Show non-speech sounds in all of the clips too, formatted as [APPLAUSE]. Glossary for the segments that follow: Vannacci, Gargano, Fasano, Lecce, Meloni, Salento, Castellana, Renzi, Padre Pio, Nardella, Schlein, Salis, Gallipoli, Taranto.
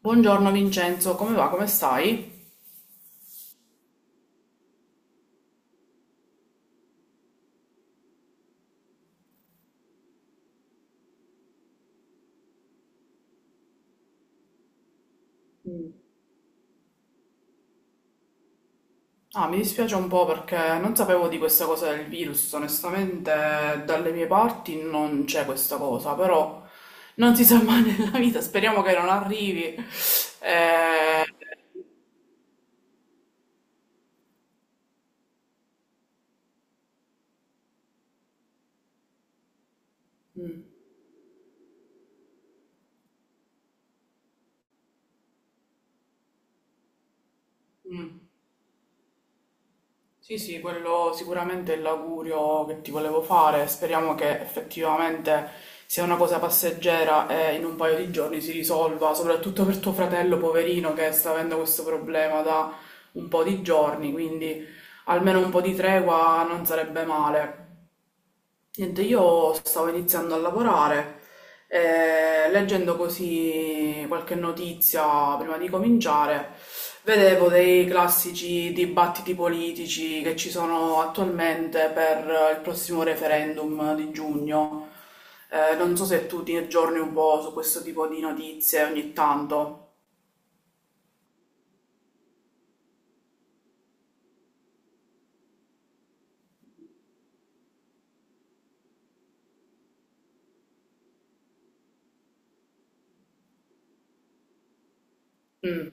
Buongiorno Vincenzo, come va? Come stai? Ah, mi dispiace un po' perché non sapevo di questa cosa del virus, onestamente dalle mie parti non c'è questa cosa, però non si sa mai nella vita, speriamo che non arrivi. Eh. Mm. Mm. Sì, sì, quello sicuramente è l'augurio che ti volevo fare. Speriamo che effettivamente sia una cosa passeggera e in un paio di giorni si risolva, soprattutto per tuo fratello poverino che sta avendo questo problema da un po' di giorni, quindi almeno un po' di tregua non sarebbe male. Niente, io stavo iniziando a lavorare, e leggendo così qualche notizia prima di cominciare, vedevo dei classici dibattiti politici che ci sono attualmente per il prossimo referendum di giugno. Non so se tu ti aggiorni un po' su questo tipo di notizie ogni tanto. Mm.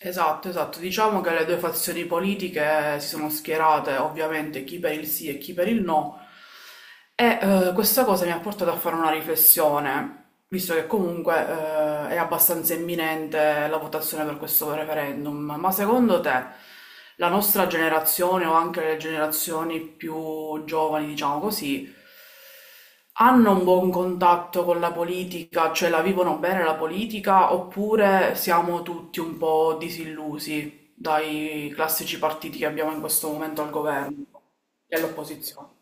Esatto, esatto. Diciamo che le due fazioni politiche si sono schierate, ovviamente, chi per il sì e chi per il no. E questa cosa mi ha portato a fare una riflessione visto che comunque è abbastanza imminente la votazione per questo referendum, ma secondo te la nostra generazione o anche le generazioni più giovani, diciamo così, hanno un buon contatto con la politica, cioè la vivono bene la politica, oppure siamo tutti un po' disillusi dai classici partiti che abbiamo in questo momento al governo e all'opposizione?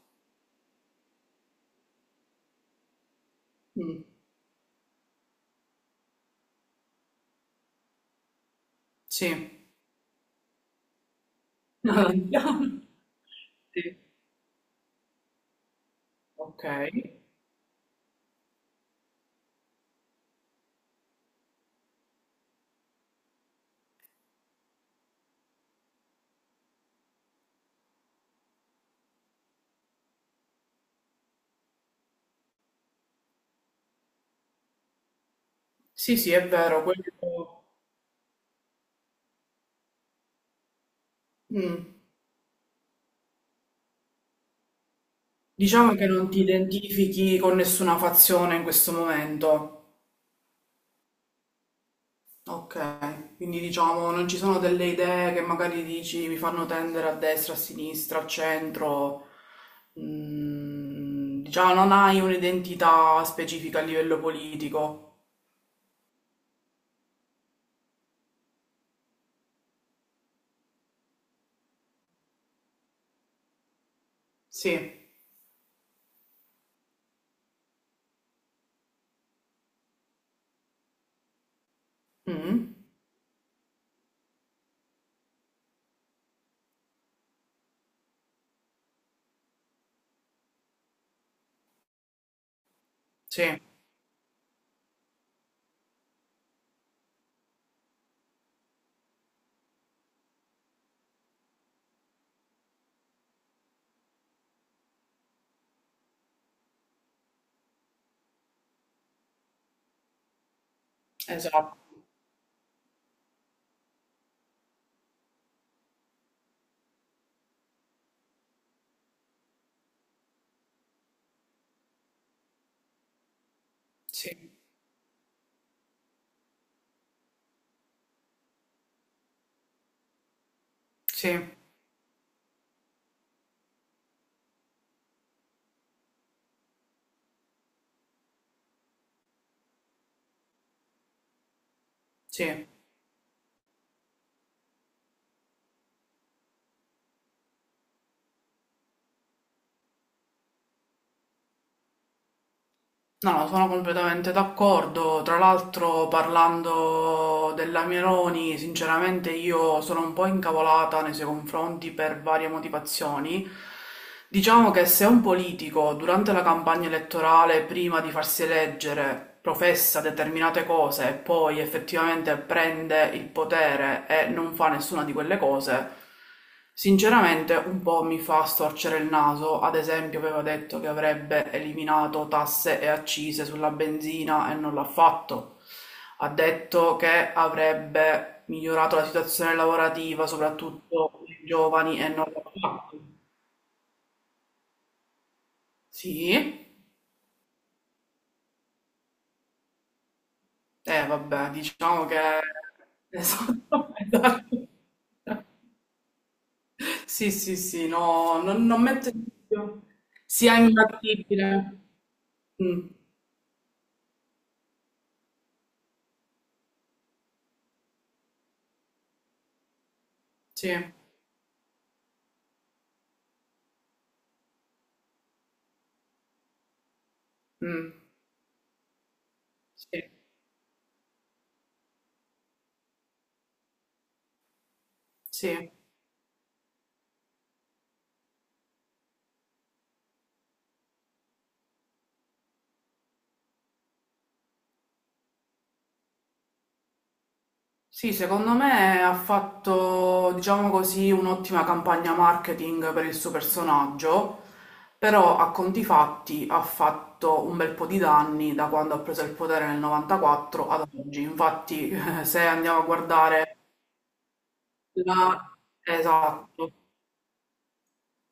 Mm. Sì. [LAUGHS] No, no. Sì. Ok. Sì, sì, è vero, quello. Mm. Diciamo che non ti identifichi con nessuna fazione in questo momento. Ok, quindi diciamo non ci sono delle idee che magari dici mi fanno tendere a destra, a sinistra, al centro. Mm, diciamo non hai un'identità specifica a livello politico. Sì. Mm. Sì, esatto. Sì, sì, sì. No, sono completamente d'accordo. Tra l'altro, parlando della Meloni, sinceramente io sono un po' incavolata nei suoi confronti per varie motivazioni. Diciamo che se un politico durante la campagna elettorale, prima di farsi eleggere, professa determinate cose e poi effettivamente prende il potere e non fa nessuna di quelle cose, sinceramente un po' mi fa storcere il naso, ad esempio aveva detto che avrebbe eliminato tasse e accise sulla benzina e non l'ha fatto. Ha detto che avrebbe migliorato la situazione lavorativa, soprattutto per i giovani, e non l'ha fatto. Sì, eh vabbè, diciamo che... [LAUGHS] Esatto, esatto. Sì, sì, sì, no, non, non metto in dubbio. Sia imbattibile. Mm. Sì. Mm. Sì, sì. Sì, secondo me ha fatto, diciamo così, un'ottima campagna marketing per il suo personaggio, però a conti fatti ha fatto un bel po' di danni da quando ha preso il potere nel 94 ad oggi. Infatti, [LAUGHS] se andiamo a guardare la... Esatto.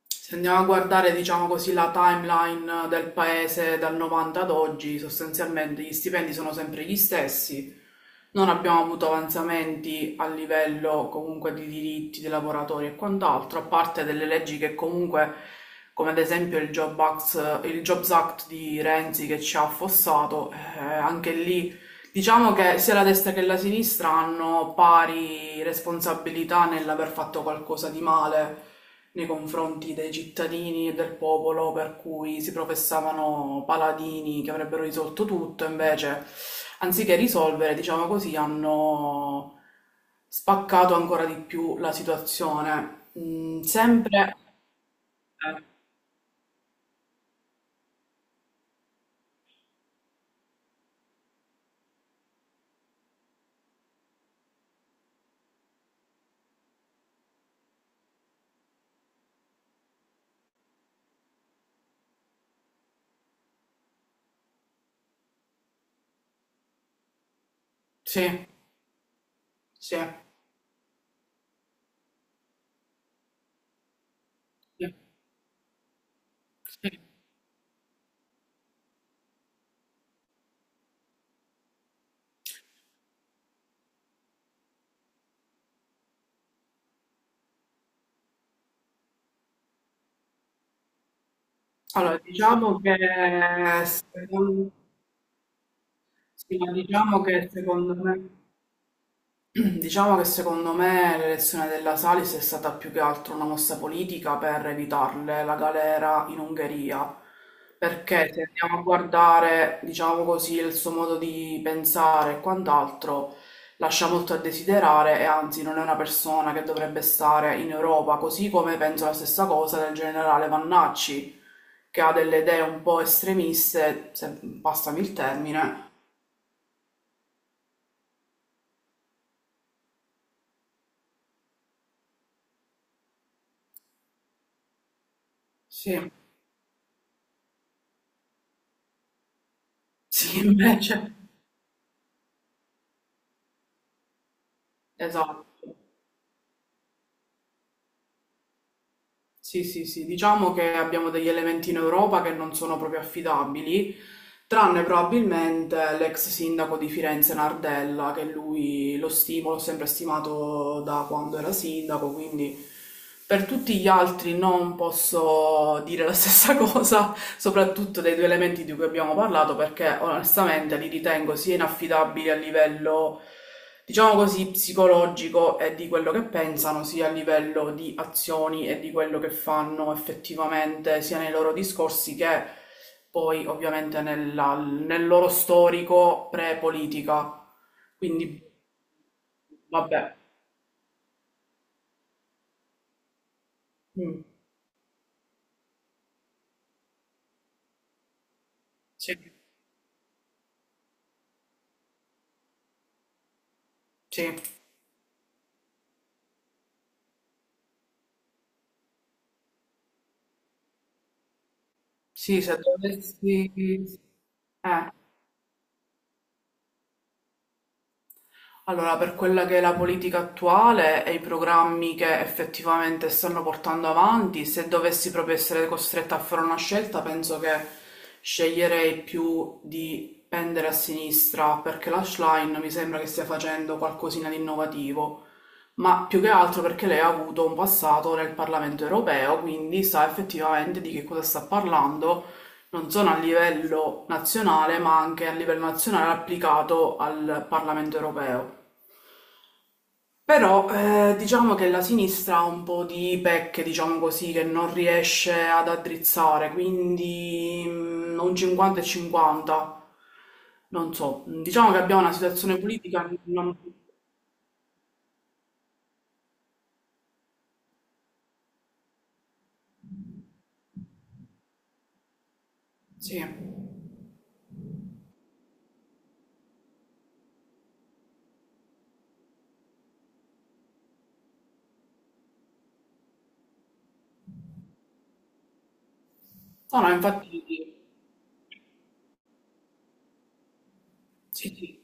Se andiamo a guardare, diciamo così, la timeline del paese dal 90 ad oggi, sostanzialmente gli stipendi sono sempre gli stessi, non abbiamo avuto avanzamenti a livello comunque di diritti dei lavoratori e quant'altro, a parte delle leggi che comunque, come ad esempio il il Jobs Act di Renzi che ci ha affossato, anche lì. Diciamo che sia la destra che la sinistra hanno pari responsabilità nell'aver fatto qualcosa di male nei confronti dei cittadini e del popolo, per cui si professavano paladini che avrebbero risolto tutto, invece, anziché risolvere, diciamo così, hanno spaccato ancora di più la situazione. Mm, sempre... eh, sì, sì, sì, sì. Allora, diciamo che secondo Sì, ma diciamo che secondo me, [CLEARS THROAT] diciamo che secondo me l'elezione della Salis è stata più che altro una mossa politica per evitarle la galera in Ungheria, perché se andiamo a guardare, diciamo così, il suo modo di pensare e quant'altro, lascia molto a desiderare e anzi non è una persona che dovrebbe stare in Europa, così come penso la stessa cosa del generale Vannacci, che ha delle idee un po' estremiste, se passami il termine. Sì. Sì, [LAUGHS] invece. Esatto. Sì, sì, sì. Diciamo che abbiamo degli elementi in Europa che non sono proprio affidabili, tranne probabilmente l'ex sindaco di Firenze Nardella, che lui lo stimo, l'ho sempre stimato da quando era sindaco, quindi per tutti gli altri non posso dire la stessa [LAUGHS] cosa, soprattutto dei due elementi di cui abbiamo parlato, perché onestamente li ritengo sia inaffidabili a livello diciamo così, psicologico e di quello che pensano, sia a livello di azioni e di quello che fanno effettivamente, sia nei loro discorsi che poi ovviamente nel loro storico pre-politica. Quindi, vabbè. Mm. Sì, sì, sì, se dovessi... Eh. Allora, per quella che è la politica attuale e i programmi che effettivamente stanno portando avanti, se dovessi proprio essere costretta a fare una scelta, penso che sceglierei più di pendere a sinistra perché la Schlein mi sembra che stia facendo qualcosina di innovativo, ma più che altro perché lei ha avuto un passato nel Parlamento europeo, quindi sa effettivamente di che cosa sta parlando, non solo a livello nazionale, ma anche a livello nazionale applicato al Parlamento europeo. Però diciamo che la sinistra ha un po' di pecche, diciamo così, che non riesce ad addrizzare, quindi un 50 e 50. Non so, diciamo che abbiamo una situazione politica non... Sì. No, no, infatti sì, sì.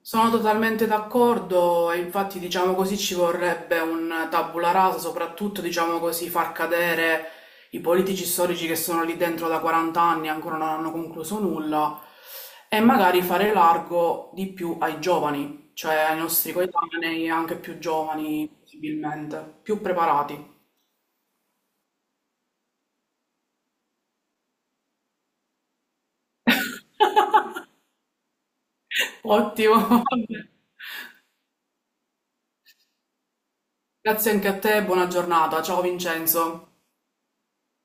Sono totalmente d'accordo e infatti diciamo così ci vorrebbe un tabula rasa, soprattutto diciamo così far cadere i politici storici che sono lì dentro da 40 anni e ancora non hanno concluso nulla e magari fare largo di più ai giovani, cioè ai nostri coetanei anche più giovani possibilmente, più preparati. Ottimo. [LAUGHS] Grazie anche a te, buona giornata. Ciao Vincenzo.